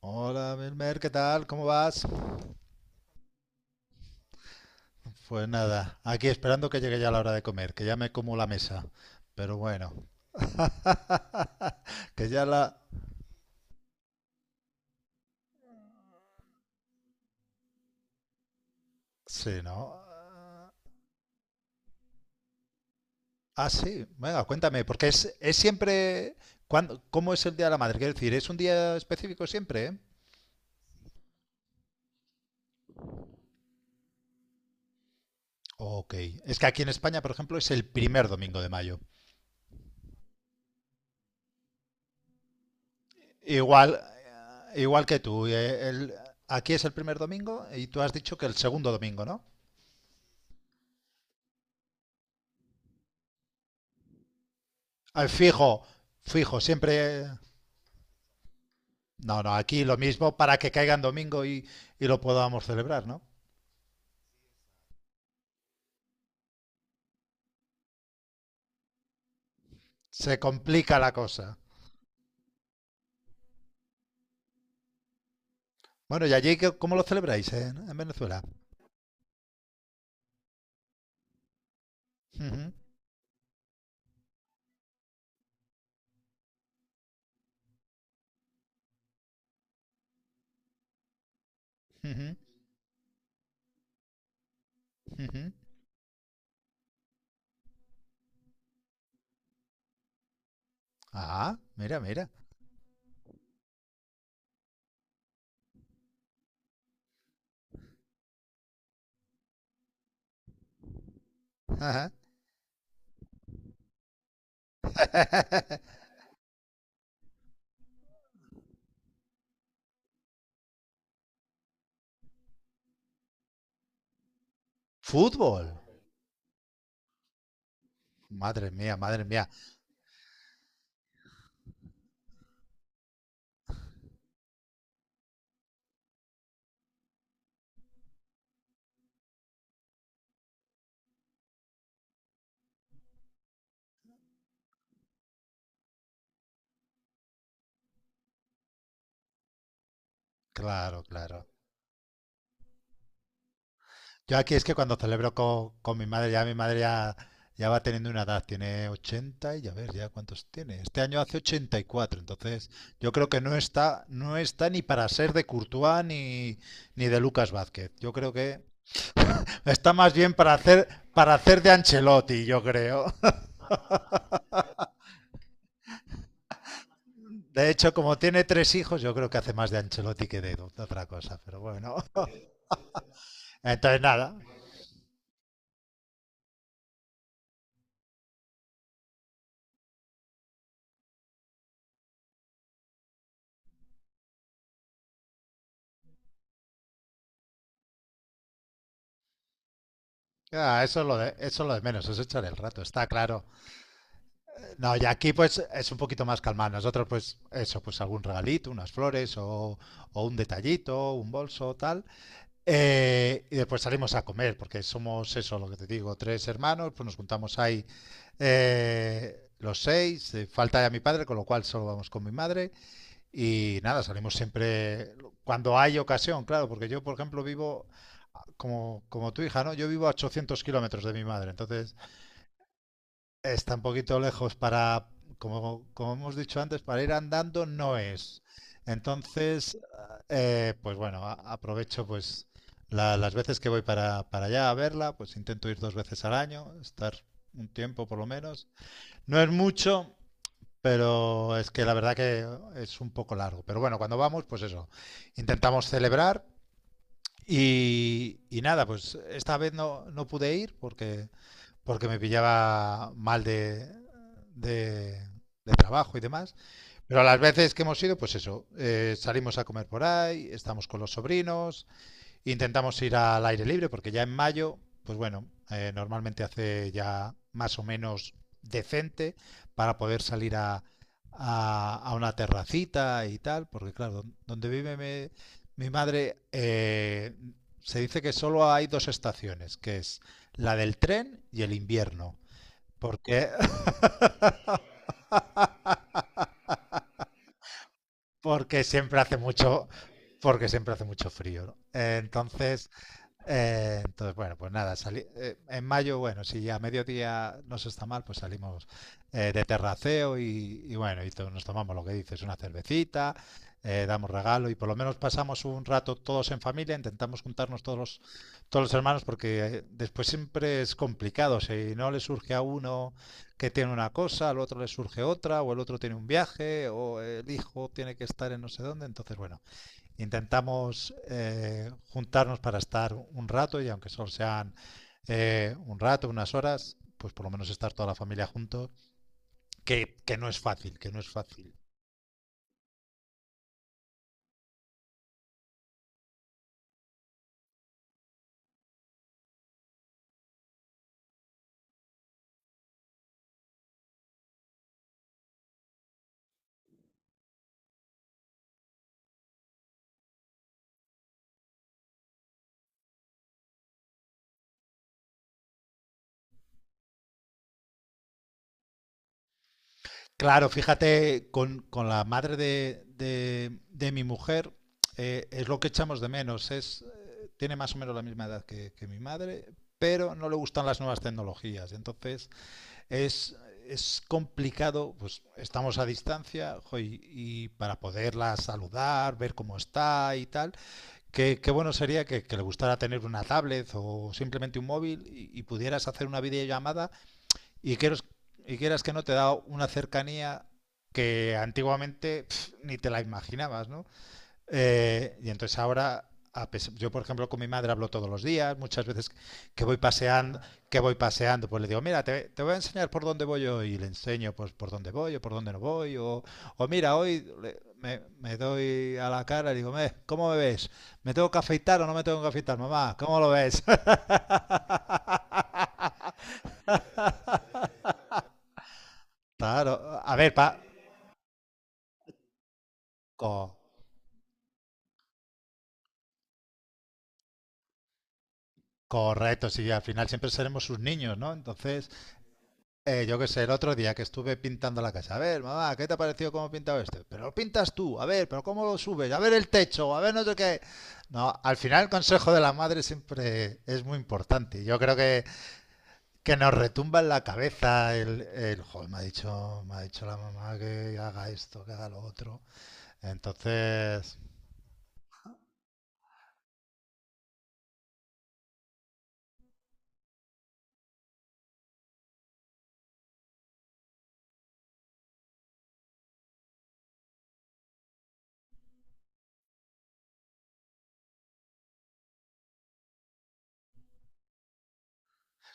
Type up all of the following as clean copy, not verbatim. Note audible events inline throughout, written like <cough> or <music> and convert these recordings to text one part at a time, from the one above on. Hola, Melmer, ¿qué tal? ¿Cómo vas? Pues nada, aquí esperando que llegue ya la hora de comer, que ya me como la mesa. Pero bueno, <laughs> que ya la... Sí, ¿no? Ah, ah, sí, venga, cuéntame, porque es siempre... ¿Cuándo, cómo es el Día de la Madre? Quiero decir, ¿es un día específico siempre? ¿eh? Ok, es que aquí en España, por ejemplo, es el primer domingo de mayo. Igual, igual que tú, aquí es el primer domingo y tú has dicho que el segundo domingo, ¿no? Al fijo, fijo, siempre... No, no, aquí lo mismo para que caiga en domingo y lo podamos celebrar, ¿no? Se complica la cosa. Bueno, ¿y allí cómo lo celebráis en Venezuela? Ujú, ujú, ujú. Ah, mira, mira. Ajá. <laughs> Fútbol. Madre mía, madre mía. Claro, claro. Yo aquí es que cuando celebro con mi madre ya, ya va teniendo una edad, tiene 80 y a ver ya cuántos tiene. Este año hace ochenta y cuatro, entonces yo creo que no está, no está ni para ser de Courtois ni, ni de Lucas Vázquez. Yo creo que está más bien para hacer de Ancelotti, yo creo. <laughs> De hecho, como tiene tres hijos, yo creo que hace más de Ancelotti que de otra cosa, pero bueno. <laughs> Entonces nada, ah, eso es lo de, eso es lo de menos, es echar el rato, está claro. No, y aquí pues es un poquito más calmado. Nosotros pues eso, pues algún regalito, unas flores o un detallito, un bolso, tal. Y después salimos a comer, porque somos eso, lo que te digo, tres hermanos, pues nos juntamos ahí los seis, falta ya mi padre, con lo cual solo vamos con mi madre. Y nada, salimos siempre cuando hay ocasión, claro, porque yo por ejemplo vivo como, como tu hija, ¿no? Yo vivo a 800 kilómetros de mi madre, entonces... Está un poquito lejos para, como, como hemos dicho antes, para ir andando no es. Entonces, pues bueno, aprovecho pues las veces que voy para allá a verla, pues intento ir dos veces al año, estar un tiempo por lo menos. No es mucho, pero es que la verdad que es un poco largo. Pero bueno, cuando vamos, pues eso, intentamos celebrar y nada, pues esta vez no, no pude ir porque me pillaba mal de, de trabajo y demás. Pero a las veces que hemos ido, pues eso, salimos a comer por ahí, estamos con los sobrinos. Intentamos ir al aire libre porque ya en mayo, pues bueno, normalmente hace ya más o menos decente para poder salir a una terracita y tal, porque claro, donde vive mi madre se dice que solo hay dos estaciones, que es la del tren y el invierno, porque <laughs> porque siempre hace mucho, porque siempre hace mucho frío, ¿no? Entonces entonces, bueno, pues nada, salí, en mayo, bueno, si a mediodía no se está mal, pues salimos de terraceo y bueno, y nos tomamos lo que dices, una cervecita, damos regalo y por lo menos pasamos un rato todos en familia, intentamos juntarnos todos los hermanos porque después siempre es complicado, si no le surge a uno que tiene una cosa, al otro le surge otra, o el otro tiene un viaje, o el hijo tiene que estar en no sé dónde, entonces, bueno. Intentamos juntarnos para estar un rato y aunque solo sean un rato, unas horas, pues por lo menos estar toda la familia juntos, que no es fácil, que no es fácil. Claro, fíjate, con la madre de mi mujer es lo que echamos de menos, es, tiene más o menos la misma edad que mi madre, pero no le gustan las nuevas tecnologías. Entonces Es, es complicado, pues estamos a distancia jo, y para poderla saludar, ver cómo está y tal, qué, qué bueno sería que le gustara tener una tablet o simplemente un móvil y pudieras hacer una videollamada y quieras, y quieras que no, te da una cercanía que antiguamente pf, ni te la imaginabas, ¿no? Y entonces ahora, yo por ejemplo con mi madre hablo todos los días, muchas veces que voy paseando, que voy paseando, pues le digo, mira, te voy a enseñar por dónde voy yo y le enseño pues por dónde voy o por dónde no voy o mira, hoy me, me doy a la cara y digo, "Me, ¿cómo me ves? ¿Me tengo que afeitar o no me tengo que afeitar, mamá? ¿Cómo lo ves?" <laughs> Claro, a ver, pa, co- correcto, sí, al final siempre seremos sus niños, ¿no? Entonces... Yo qué sé, el otro día que estuve pintando la casa. A ver, mamá, ¿qué te ha parecido cómo he pintado este? Pero lo pintas tú, a ver, pero ¿cómo lo subes? A ver el techo, a ver no sé qué. No, al final el consejo de la madre siempre es muy importante. Yo creo que nos retumba en la cabeza el joder, me ha dicho la mamá que haga esto, que haga lo otro. Entonces,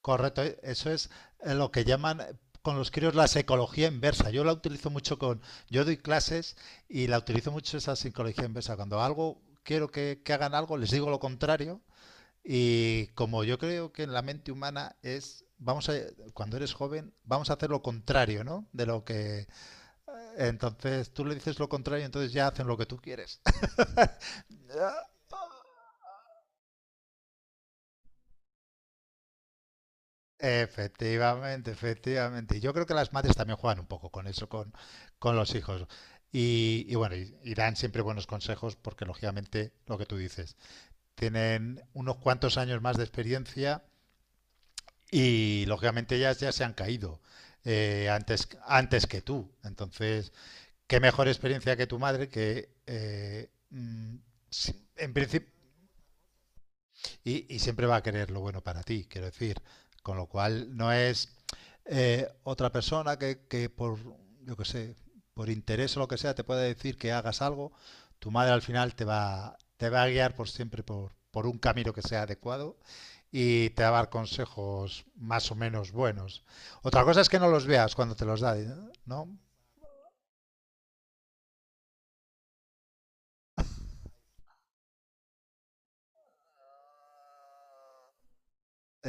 correcto, eso es lo que llaman con los críos la psicología inversa. Yo la utilizo mucho con, yo doy clases y la utilizo mucho esa psicología inversa. Cuando algo quiero que hagan algo, les digo lo contrario y como yo creo que en la mente humana es, vamos a, cuando eres joven, vamos a hacer lo contrario, ¿no? De lo que, entonces tú le dices lo contrario, entonces ya hacen lo que tú quieres. <laughs> Efectivamente, efectivamente. Y yo creo que las madres también juegan un poco con eso, con los hijos. Y bueno, y dan siempre buenos consejos porque lógicamente lo que tú dices, tienen unos cuantos años más de experiencia y lógicamente ellas ya se han caído antes, antes que tú. Entonces, qué mejor experiencia que tu madre que mm, en principio. Y siempre va a querer lo bueno para ti, quiero decir. Con lo cual no es otra persona que por, yo que sé, por interés o lo que sea, te puede decir que hagas algo. Tu madre al final te va a guiar por siempre por un camino que sea adecuado y te va a dar consejos más o menos buenos. Otra cosa es que no los veas cuando te los da, ¿eh? ¿No?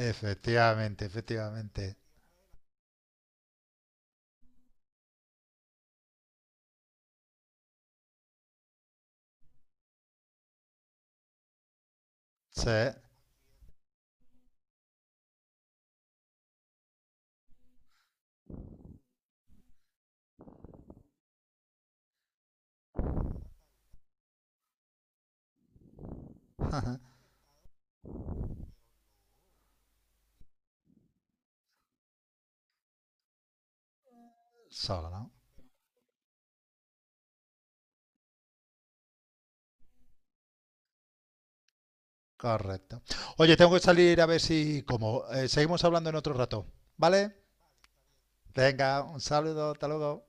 Efectivamente, efectivamente. Sí. <laughs> Solo, ¿no? Correcto. Oye, tengo que salir a ver si como. Seguimos hablando en otro rato, ¿vale? Venga, un saludo, hasta luego.